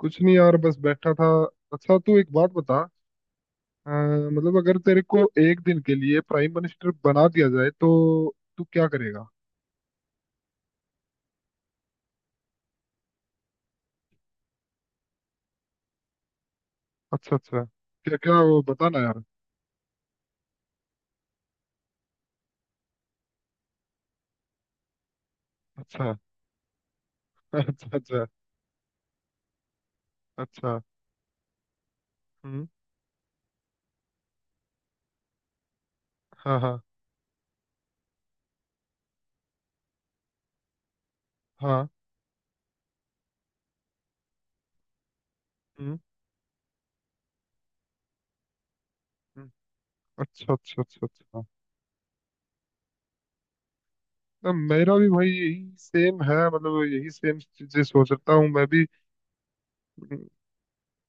कुछ नहीं यार, बस बैठा था। अच्छा, तू एक बात बता। अ, मतलब अगर तेरे को एक दिन के लिए प्राइम मिनिस्टर बना दिया जाए तो तू क्या करेगा? अच्छा अच्छा, क्या क्या वो बताना यार। अच्छा। अच्छा अच्छा अच्छा। हम्म। हाँ हाँ हाँ। हम्म। हम्म। अच्छा अच्छा अच्छा अच्छा। मेरा भी भाई यही सेम है, मतलब यही सेम चीजें सोच रहा हूँ मैं भी। हम्म।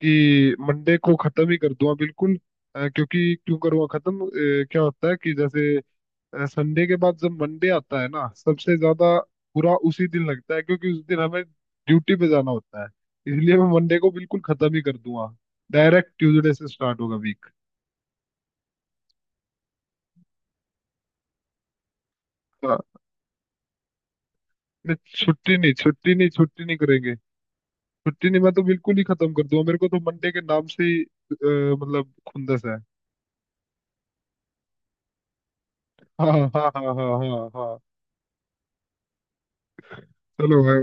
कि मंडे को खत्म ही कर दूंगा बिल्कुल। क्योंकि क्यों करूँगा खत्म। क्या होता है कि, जैसे, संडे के बाद जब मंडे आता है ना, सबसे ज्यादा बुरा उसी दिन लगता है, क्योंकि उस दिन हमें ड्यूटी पे जाना होता है। इसलिए मैं मंडे को बिल्कुल खत्म ही कर दूंगा। डायरेक्ट ट्यूसडे से स्टार्ट होगा वीक। नहीं, छुट्टी नहीं, छुट्टी नहीं, छुट्टी नहीं करेंगे। छुट्टी नहीं, मैं तो बिल्कुल ही खत्म कर दूंगा। मेरे को तो मंडे के नाम से ही मतलब खुंदस है। हाँ हाँ हाँ हाँ हाँ हाँ। चलो। हाँ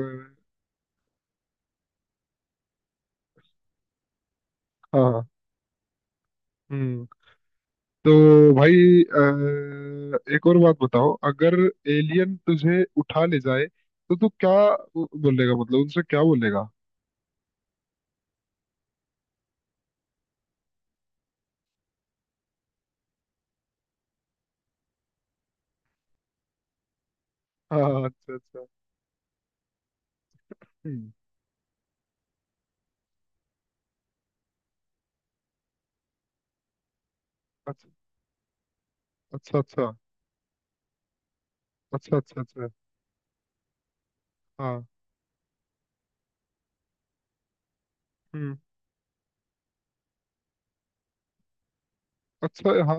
हाँ हाँ। हम्म। तो भाई, एक और बात बताओ। अगर एलियन तुझे उठा ले जाए तो तू क्या बोलेगा, मतलब उनसे क्या बोलेगा? हाँ, अच्छा अच्छा। हम्म। अच्छा अच्छा। अच्छा अच्छा अच्छा अच्छा। हाँ। हम्म। अच्छा। हाँ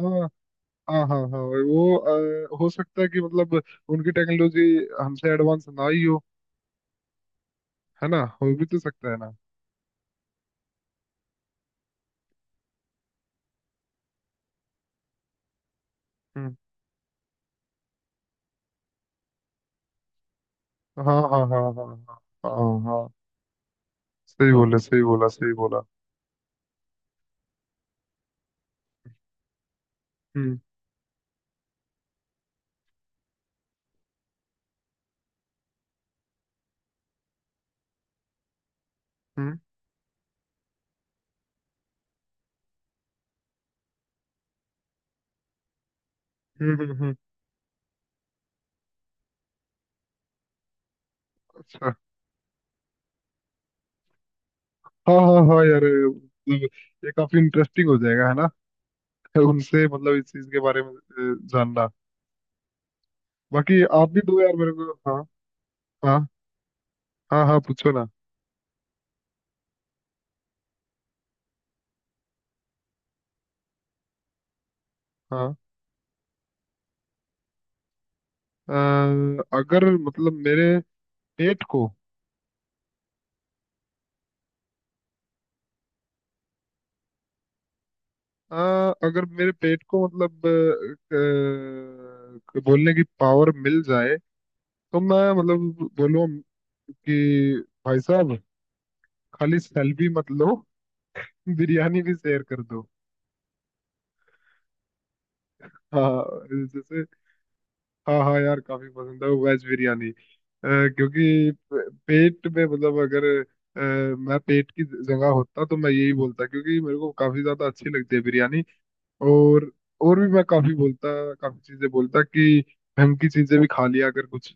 हाँ हाँ हाँ। वो हो सकता है कि, मतलब उनकी टेक्नोलॉजी हमसे एडवांस ना ही हो। है ना? हो भी तो सकता है ना। हम्म। हाँ हाँ हाँ हाँ हाँ हाँ हाँ, सही बोला, सही बोला, सही बोला। हम्म हम्म हम्म हम्म हम्म। अच्छा। हाँ हाँ हाँ यार, मतलब ये काफी इंटरेस्टिंग हो जाएगा, है ना? उनसे मतलब इस चीज के बारे में जानना। बाकी आप भी दो यार मेरे को, हाँ। हाँ हाँ, हाँ पूछो ना। हाँ। अ, अगर मतलब मेरे पेट को अ, अगर मेरे पेट को मतलब बोलने की पावर मिल जाए तो मैं मतलब बोलूँ कि भाई साहब, खाली सेल्फी मत लो। बिरयानी भी शेयर कर दो। हाँ, जैसे, हाँ हाँ यार, काफी पसंद है वो वेज बिरयानी। क्योंकि पेट में मतलब अगर मैं पेट की जगह होता तो मैं यही बोलता, क्योंकि मेरे को काफी ज्यादा अच्छी लगती है बिरयानी। और और भी मैं काफी बोलता, काफी चीजें बोलता कि, ढंग की चीजें भी खा लिया अगर कुछ।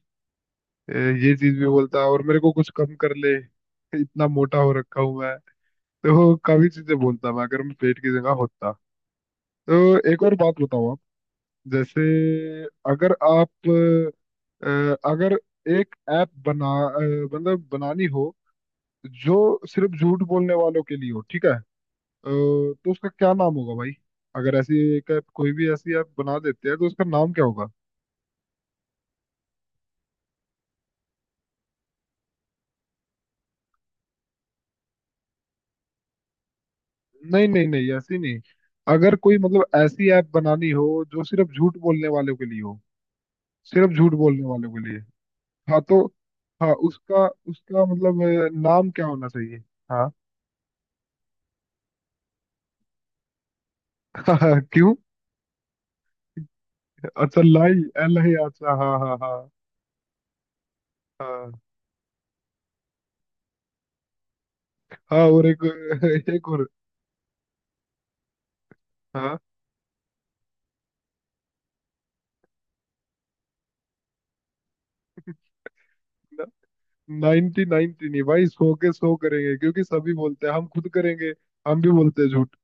ये चीज भी बोलता, और मेरे को कुछ कम कर ले, इतना मोटा हो रखा हूं मैं। तो काफी चीजें बोलता मैं, अगर मैं पेट की जगह होता। तो एक और बात बताओ आप। जैसे अगर आप अगर एक ऐप बना अ, मतलब बनानी हो, जो सिर्फ झूठ बोलने वालों के लिए हो, ठीक है। तो उसका क्या नाम होगा भाई? अगर ऐसी एक ऐप, कोई भी ऐसी ऐप बना देते हैं तो उसका नाम क्या होगा? नहीं नहीं नहीं, ऐसी नहीं। अगर कोई मतलब ऐसी ऐप बनानी हो, जो सिर्फ झूठ बोलने वालों के लिए हो, सिर्फ झूठ बोलने वालों के लिए। हाँ तो, हाँ, उसका उसका मतलब नाम क्या होना चाहिए? हाँ। क्यों? अच्छा, लाई, एल है, अच्छा, हाँ हाँ हाँ। हाँ हाँ, और एक एक और। हाँ, नाइनटी, नाइनटी नहीं भाई, सौ के सौ करेंगे, क्योंकि सभी बोलते हैं, हम खुद करेंगे। हम भी बोलते हैं झूठ।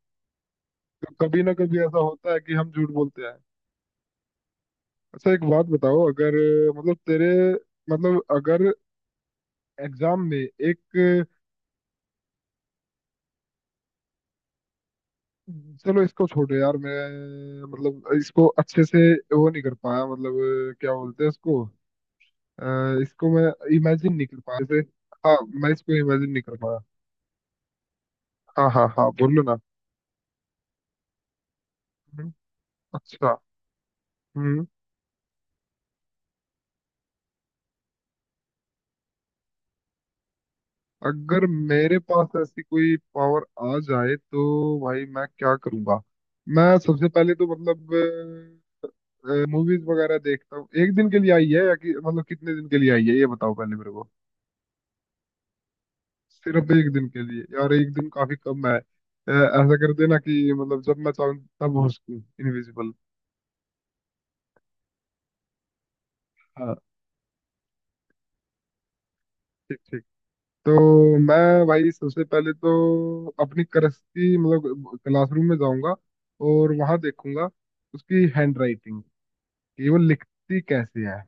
तो कभी ना कभी ऐसा होता है कि हम झूठ बोलते हैं। अच्छा, एक बात बताओ। अगर मतलब तेरे, मतलब अगर एग्जाम में एक, चलो इसको छोड़ो यार, मैं मतलब इसको अच्छे से वो नहीं कर पाया, मतलब क्या बोलते हैं इसको। अ, इसको मैं इमेजिन नहीं कर पाया, जैसे। हाँ, मैं इसको इमेजिन नहीं कर पाया। हाँ हाँ हाँ, बोलो ना। हम्म। अच्छा। हम्म। अगर मेरे पास ऐसी कोई पावर आ जाए तो भाई मैं क्या करूंगा? मैं सबसे पहले तो मतलब मूवीज वगैरह देखता हूँ। एक दिन के लिए आई है या कि मतलब कितने दिन के लिए आई है, ये बताओ पहले मेरे को। सिर्फ एक दिन के लिए यार, एक दिन काफी कम है। ऐसा कर देना कि मतलब जब मैं चाहूँ तब हो सकूँ इनविजिबल। हाँ, ठीक ठीक। तो मैं भाई सबसे पहले तो अपनी करस्ती मतलब क्लासरूम में जाऊंगा, और वहां देखूंगा उसकी हैंड राइटिंग कि वो लिखती कैसे है,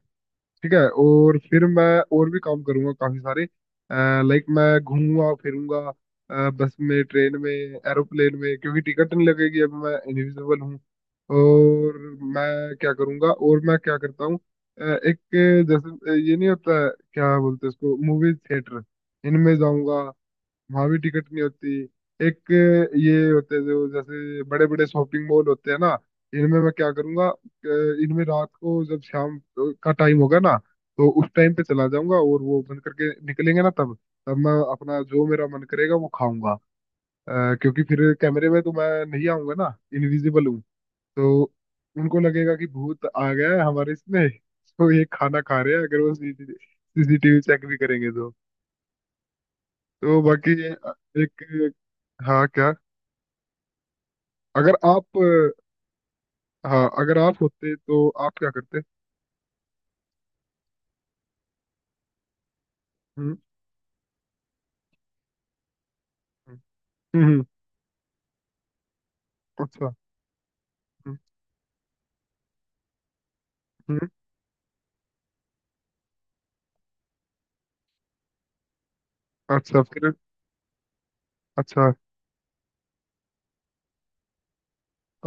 ठीक है। और फिर मैं और भी काम करूंगा काफी सारे। लाइक मैं घूमूंगा फिरूंगा बस में, ट्रेन में, एरोप्लेन में, क्योंकि टिकट नहीं लगेगी, अभी मैं इनविजिबल हूँ। और मैं क्या करूंगा, और मैं क्या करता हूँ। एक, जैसे ये नहीं होता है, क्या बोलते हैं उसको, मूवी थिएटर, इनमें जाऊंगा। हावी टिकट नहीं होती। एक, ये होते हैं जो जैसे बड़े बड़े शॉपिंग मॉल होते हैं ना, इनमें मैं क्या करूंगा, इनमें रात को, जब शाम का टाइम होगा ना, तो उस टाइम पे चला जाऊंगा, और वो बंद करके निकलेंगे ना तब तब मैं अपना जो मेरा मन करेगा वो खाऊंगा। क्योंकि फिर कैमरे में तो मैं नहीं आऊंगा ना, इनविजिबल हूँ। तो उनको लगेगा कि भूत आ गया है हमारे इसमें। तो ये खाना खा रहे हैं, अगर वो सीसीटीवी चेक भी करेंगे तो। तो बाकी ये एक, हाँ क्या? अगर आप हाँ, अगर आप होते तो आप क्या करते? हम्म हम्म हम्म। अच्छा। हम्म हम्म। अच्छा फिर। अच्छा,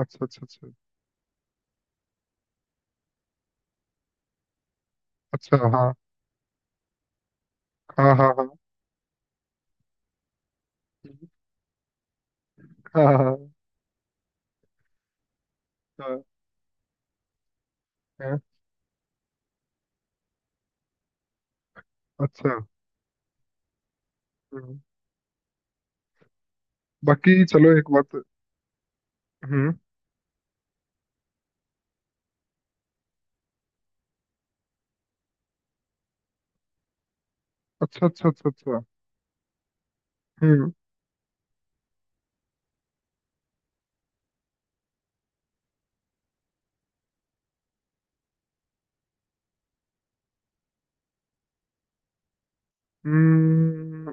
अच्छा, अच्छा, अच्छा, अच्छा। हाँ हाँ हाँ हाँ हाँ हाँ हाँ, हाँ, हाँ, अच्छा। हम्म। बाकी चलो एक बात। हम्म। अच्छा, अच्छा, अच्छा, अच्छा। हम्म हम्म।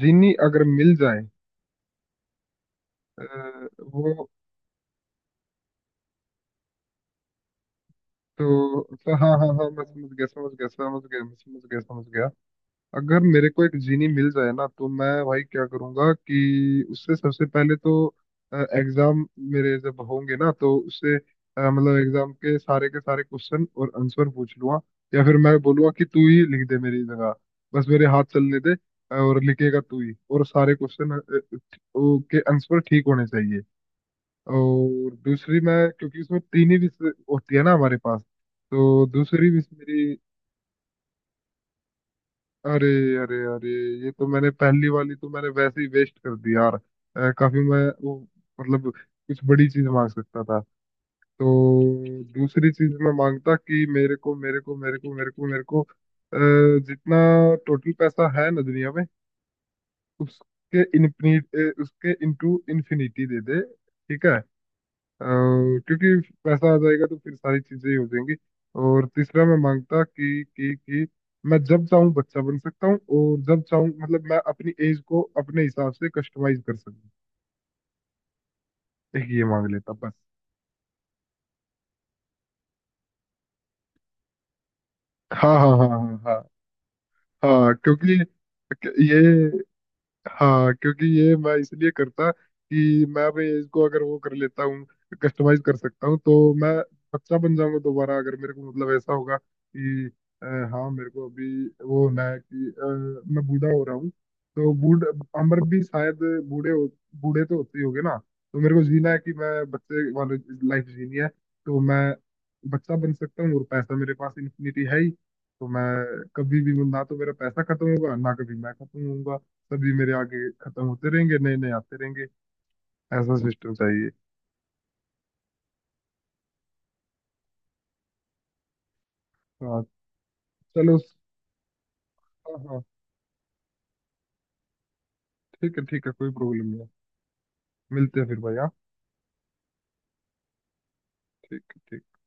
जीनी अगर मिल जाए, अ, वो, तो अच्छा, हाँ हाँ हाँ, मैं समझ गया, समझ गया, समझ गया, मैं समझ गया, समझ गया। अगर मेरे को एक जीनी मिल जाए ना, तो मैं भाई क्या करूंगा कि उससे सबसे पहले तो, एग्जाम मेरे जब होंगे ना, तो उससे मतलब एग्जाम के सारे क्वेश्चन और आंसर पूछ लूंगा। या फिर मैं बोलूंगा कि तू ही लिख दे मेरी जगह, बस मेरे हाथ चलने दे, और लिखेगा तू ही, और सारे क्वेश्चन के आंसर ठीक होने चाहिए। और दूसरी मैं, क्योंकि उसमें तीन ही विषय होती है ना हमारे पास, तो दूसरी विषय मेरी, अरे अरे अरे, ये तो मैंने, पहली वाली तो मैंने वैसे ही वेस्ट कर दी यार। काफी मैं वो मतलब कुछ बड़ी चीज मांग सकता था। तो दूसरी चीज मैं मांगता कि मेरे को जितना टोटल पैसा है ना दुनिया में, उसके इन उसके इनटू इन्फिनिटी दे दे, ठीक है। और क्योंकि पैसा आ जाएगा तो फिर सारी चीजें ही हो जाएंगी। और तीसरा मैं मांगता कि मैं जब चाहूँ बच्चा बन सकता हूँ, और जब चाहूँ मतलब मैं अपनी एज को अपने हिसाब से कस्टमाइज कर सकूँ। एक ये मांग लेता बस। हाँ हाँ हाँ हाँ हाँ हाँ। क्योंकि ये हाँ, क्योंकि ये मैं इसलिए करता, कि मैं भी इसको अगर वो कर लेता हूँ, कस्टमाइज कर सकता हूँ, तो मैं बच्चा बन जाऊंगा दोबारा। अगर मेरे को मतलब ऐसा होगा कि, हाँ, मेरे को अभी वो होना है कि, मैं बूढ़ा हो रहा हूँ। तो बूढ़ अमर भी शायद बूढ़े हो, बूढ़े तो होते ही होंगे ना। तो मेरे को जीना है कि मैं बच्चे वाले लाइफ जीनी है। तो मैं बच्चा बन सकता हूँ और पैसा मेरे पास इन्फिनिटी है ही। तो मैं कभी भी ना तो मेरा पैसा खत्म होगा, ना कभी मैं खत्म होऊंगा। सभी मेरे आगे खत्म होते रहेंगे, नए नए आते रहेंगे। ऐसा सिस्टम चाहिए। हाँ, चलो, हाँ हाँ। ठीक है, ठीक है, कोई प्रॉब्लम नहीं है। मिलते हैं फिर भाई, हाँ। ठीक है, ठीक है।